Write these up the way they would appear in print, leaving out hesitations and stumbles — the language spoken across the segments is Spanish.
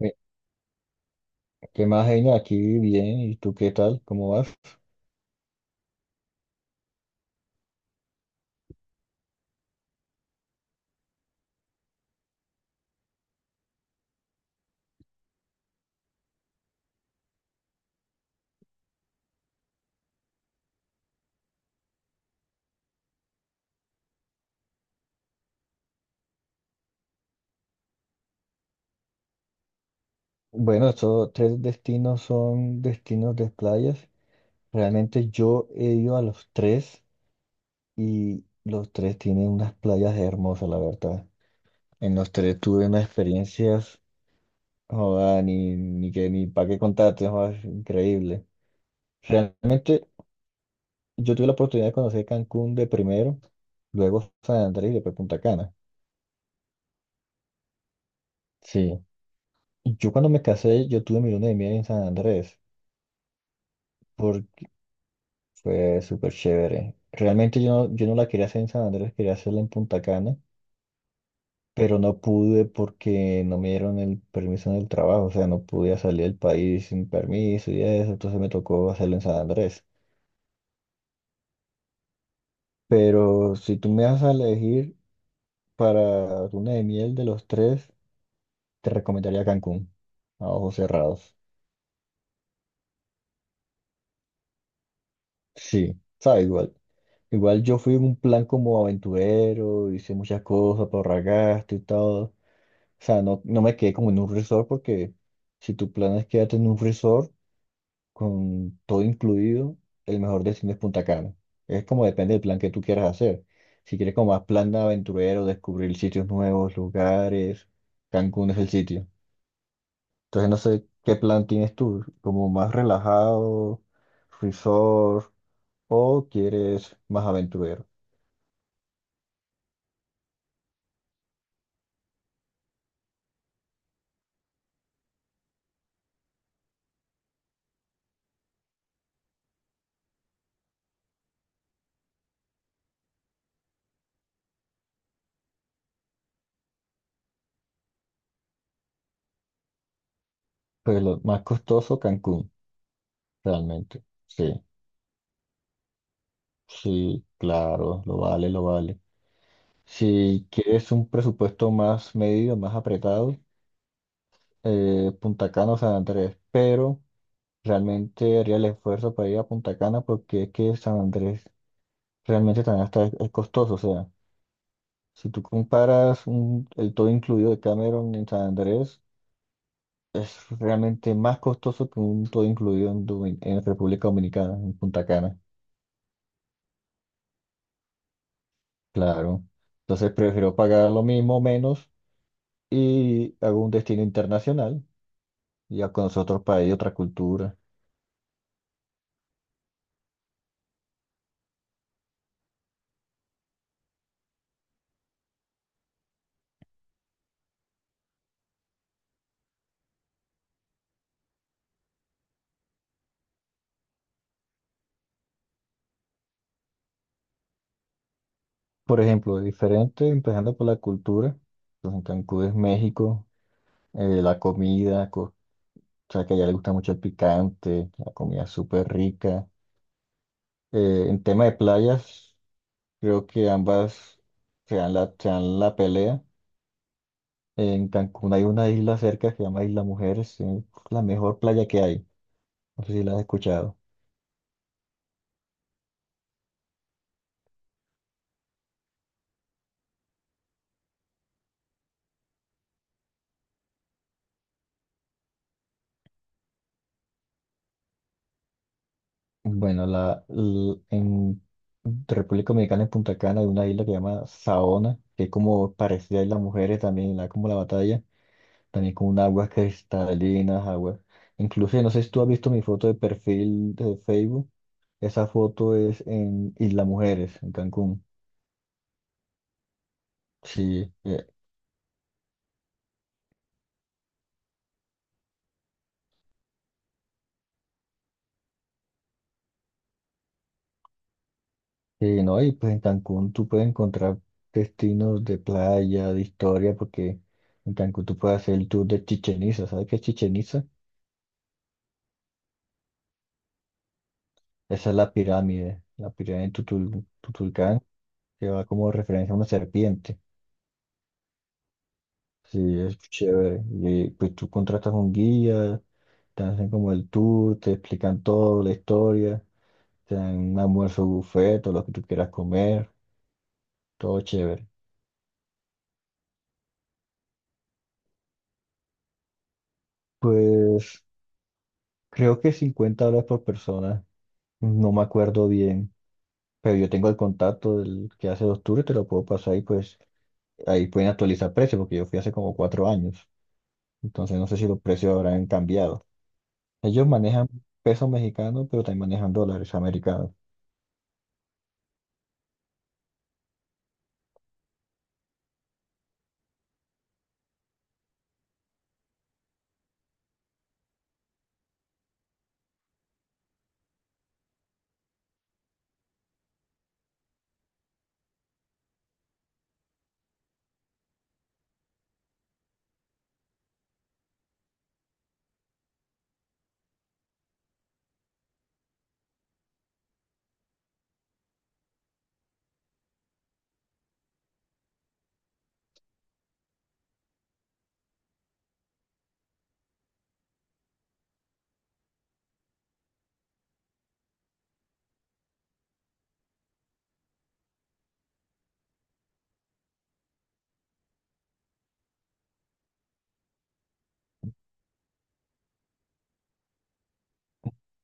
Eh, ¿Qué más, Genia? Aquí bien. ¿Y tú qué tal? ¿Cómo vas? Bueno, estos tres destinos son destinos de playas. Realmente yo he ido a los tres y los tres tienen unas playas hermosas, la verdad. En los tres tuve unas experiencias, joda, ni que ni para qué contarte, joda, es increíble. Realmente yo tuve la oportunidad de conocer Cancún de primero, luego San Andrés y después Punta Cana. Sí. Yo cuando me casé, yo tuve mi luna de miel en San Andrés. Fue súper chévere. Realmente yo no la quería hacer en San Andrés, quería hacerla en Punta Cana, pero no pude porque no me dieron el permiso en el trabajo, o sea, no podía salir del país sin permiso y eso, entonces me tocó hacerlo en San Andrés. Pero si tú me vas a elegir para luna de miel de los tres, te recomendaría Cancún, a ojos cerrados. Sí, sabe igual. Igual yo fui en un plan como aventurero, hice muchas cosas para ahorrar gasto y todo. O sea, no me quedé como en un resort, porque si tu plan es quedarte en un resort con todo incluido, el mejor destino es Punta Cana. Es como depende del plan que tú quieras hacer. Si quieres como más plan de aventurero, descubrir sitios nuevos, lugares, Cancún es el sitio. Entonces no sé qué plan tienes tú, como más relajado, resort, o quieres más aventurero. Pues lo más costoso, Cancún, realmente. Sí, sí, claro, lo vale, lo vale. Si quieres un presupuesto más medido, más apretado, Punta Cana o San Andrés, pero realmente haría el esfuerzo para ir a Punta Cana, porque es que San Andrés realmente también está, es costoso. O sea, si tú comparas el todo incluido de Cameron en San Andrés, es realmente más costoso que un todo incluido en, en República Dominicana, en Punta Cana, claro. Entonces prefiero pagar lo mismo, menos, y hago un destino internacional y ya conocer otro país, otra cultura. Por ejemplo, diferente, empezando por la cultura. Pues en Cancún es México, la comida, o sea que allá le gusta mucho el picante, la comida es súper rica. En tema de playas, creo que ambas se dan la pelea. En Cancún hay una isla cerca que se llama Isla Mujeres, es la mejor playa que hay. No sé si la has escuchado. Bueno, en República Dominicana, en Punta Cana, hay una isla que se llama Saona, que es como parecida a Isla Mujeres también, la, como la batalla. También con un aguas cristalinas, aguas. Incluso, no sé si tú has visto mi foto de perfil de Facebook. Esa foto es en Isla Mujeres, en Cancún. Sí, sí, no, y pues en Cancún tú puedes encontrar destinos de playa, de historia, porque en Cancún tú puedes hacer el tour de Chichen Itza. ¿Sabes qué es Chichen Itza? Esa es la pirámide de Tutulcán, que va como referencia a una serpiente. Sí, es chévere. Y pues tú contratas un guía, te hacen como el tour, te explican todo, la historia, te dan un almuerzo buffet, todo lo que tú quieras comer, todo chévere. Pues creo que $50 por persona, no me acuerdo bien, pero yo tengo el contacto del que hace los tours, te lo puedo pasar y pues ahí pueden actualizar precios, porque yo fui hace como 4 años, entonces no sé si los precios habrán cambiado. Ellos manejan pesos mexicanos, pero también manejan dólares americanos.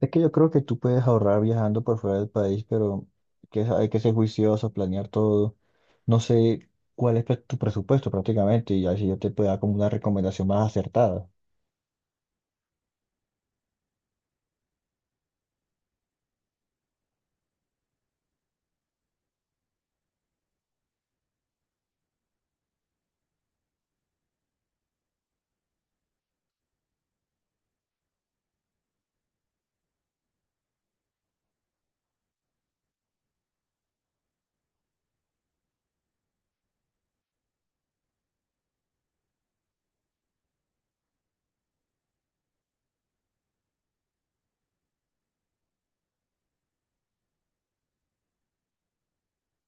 Es que yo creo que tú puedes ahorrar viajando por fuera del país, pero hay que ser juicioso, planear todo. No sé cuál es tu presupuesto prácticamente, y así yo te puedo dar como una recomendación más acertada.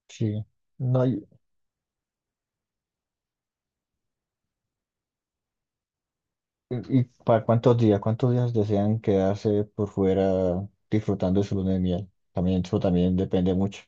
Sí. No, y- ¿y para cuántos días? ¿Cuántos días desean quedarse por fuera disfrutando de su luna de miel? También eso también depende mucho.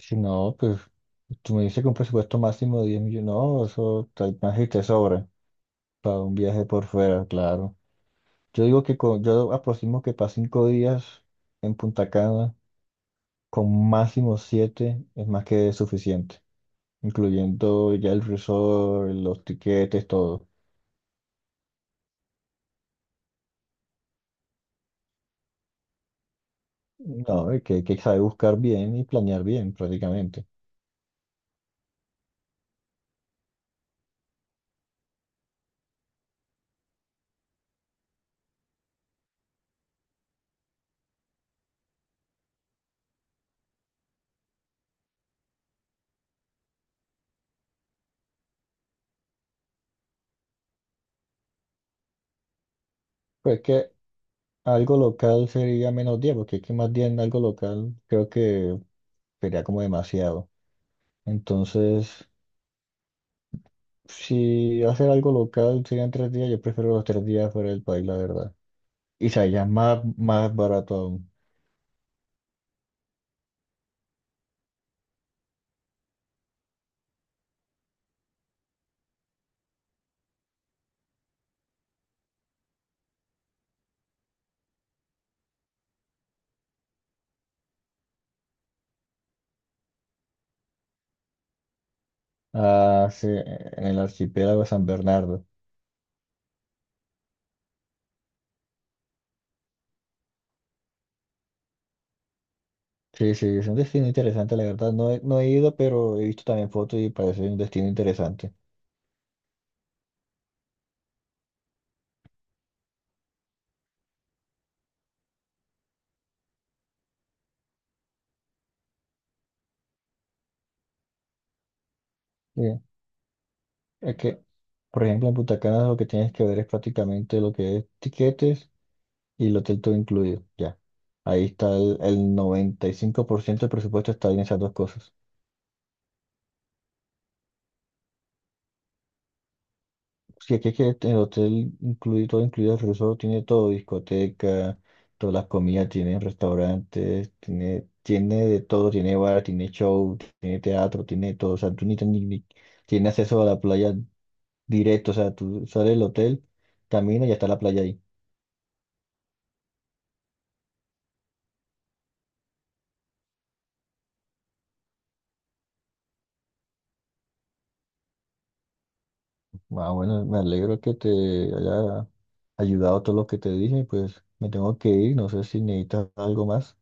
Si no, pues tú me dices que un presupuesto máximo de 10 millones, no, eso más y te sobra para un viaje por fuera, claro. Yo digo que con yo aproximo que para 5 días en Punta Cana, con máximo siete, es más que suficiente, incluyendo ya el resort, los tiquetes, todo. No, es que hay que saber buscar bien y planear bien prácticamente. Pues que algo local sería menos 10, porque es que más 10 en algo local creo que sería como demasiado. Entonces, si hacer algo local serían 3 días, yo prefiero los 3 días fuera del país, la verdad. Y sería más, más barato aún. Ah, sí, en el archipiélago San Bernardo. Sí, sí, es un destino interesante, la verdad. No he ido, pero he visto también fotos y parece un destino interesante. Bien, es que, por ejemplo, en Punta Cana lo que tienes que ver es prácticamente lo que es tiquetes y el hotel todo incluido. Ya. Ahí está el 95% del presupuesto, está en esas dos cosas. Sí, aquí el hotel incluye todo, incluido el resort, tiene todo, discoteca, todas las comidas, tiene restaurantes, tiene de todo, tiene bar, tiene show, tiene teatro, tiene todo, o sea, tú ni, ni, ni- tiene acceso a la playa directo, o sea, tú sales del hotel, caminas y ya está la playa ahí. Ah, bueno, me alegro que te haya ayudado todo lo que te dije, pues me tengo que ir, no sé si necesitas algo más.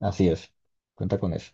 Así es, cuenta con eso.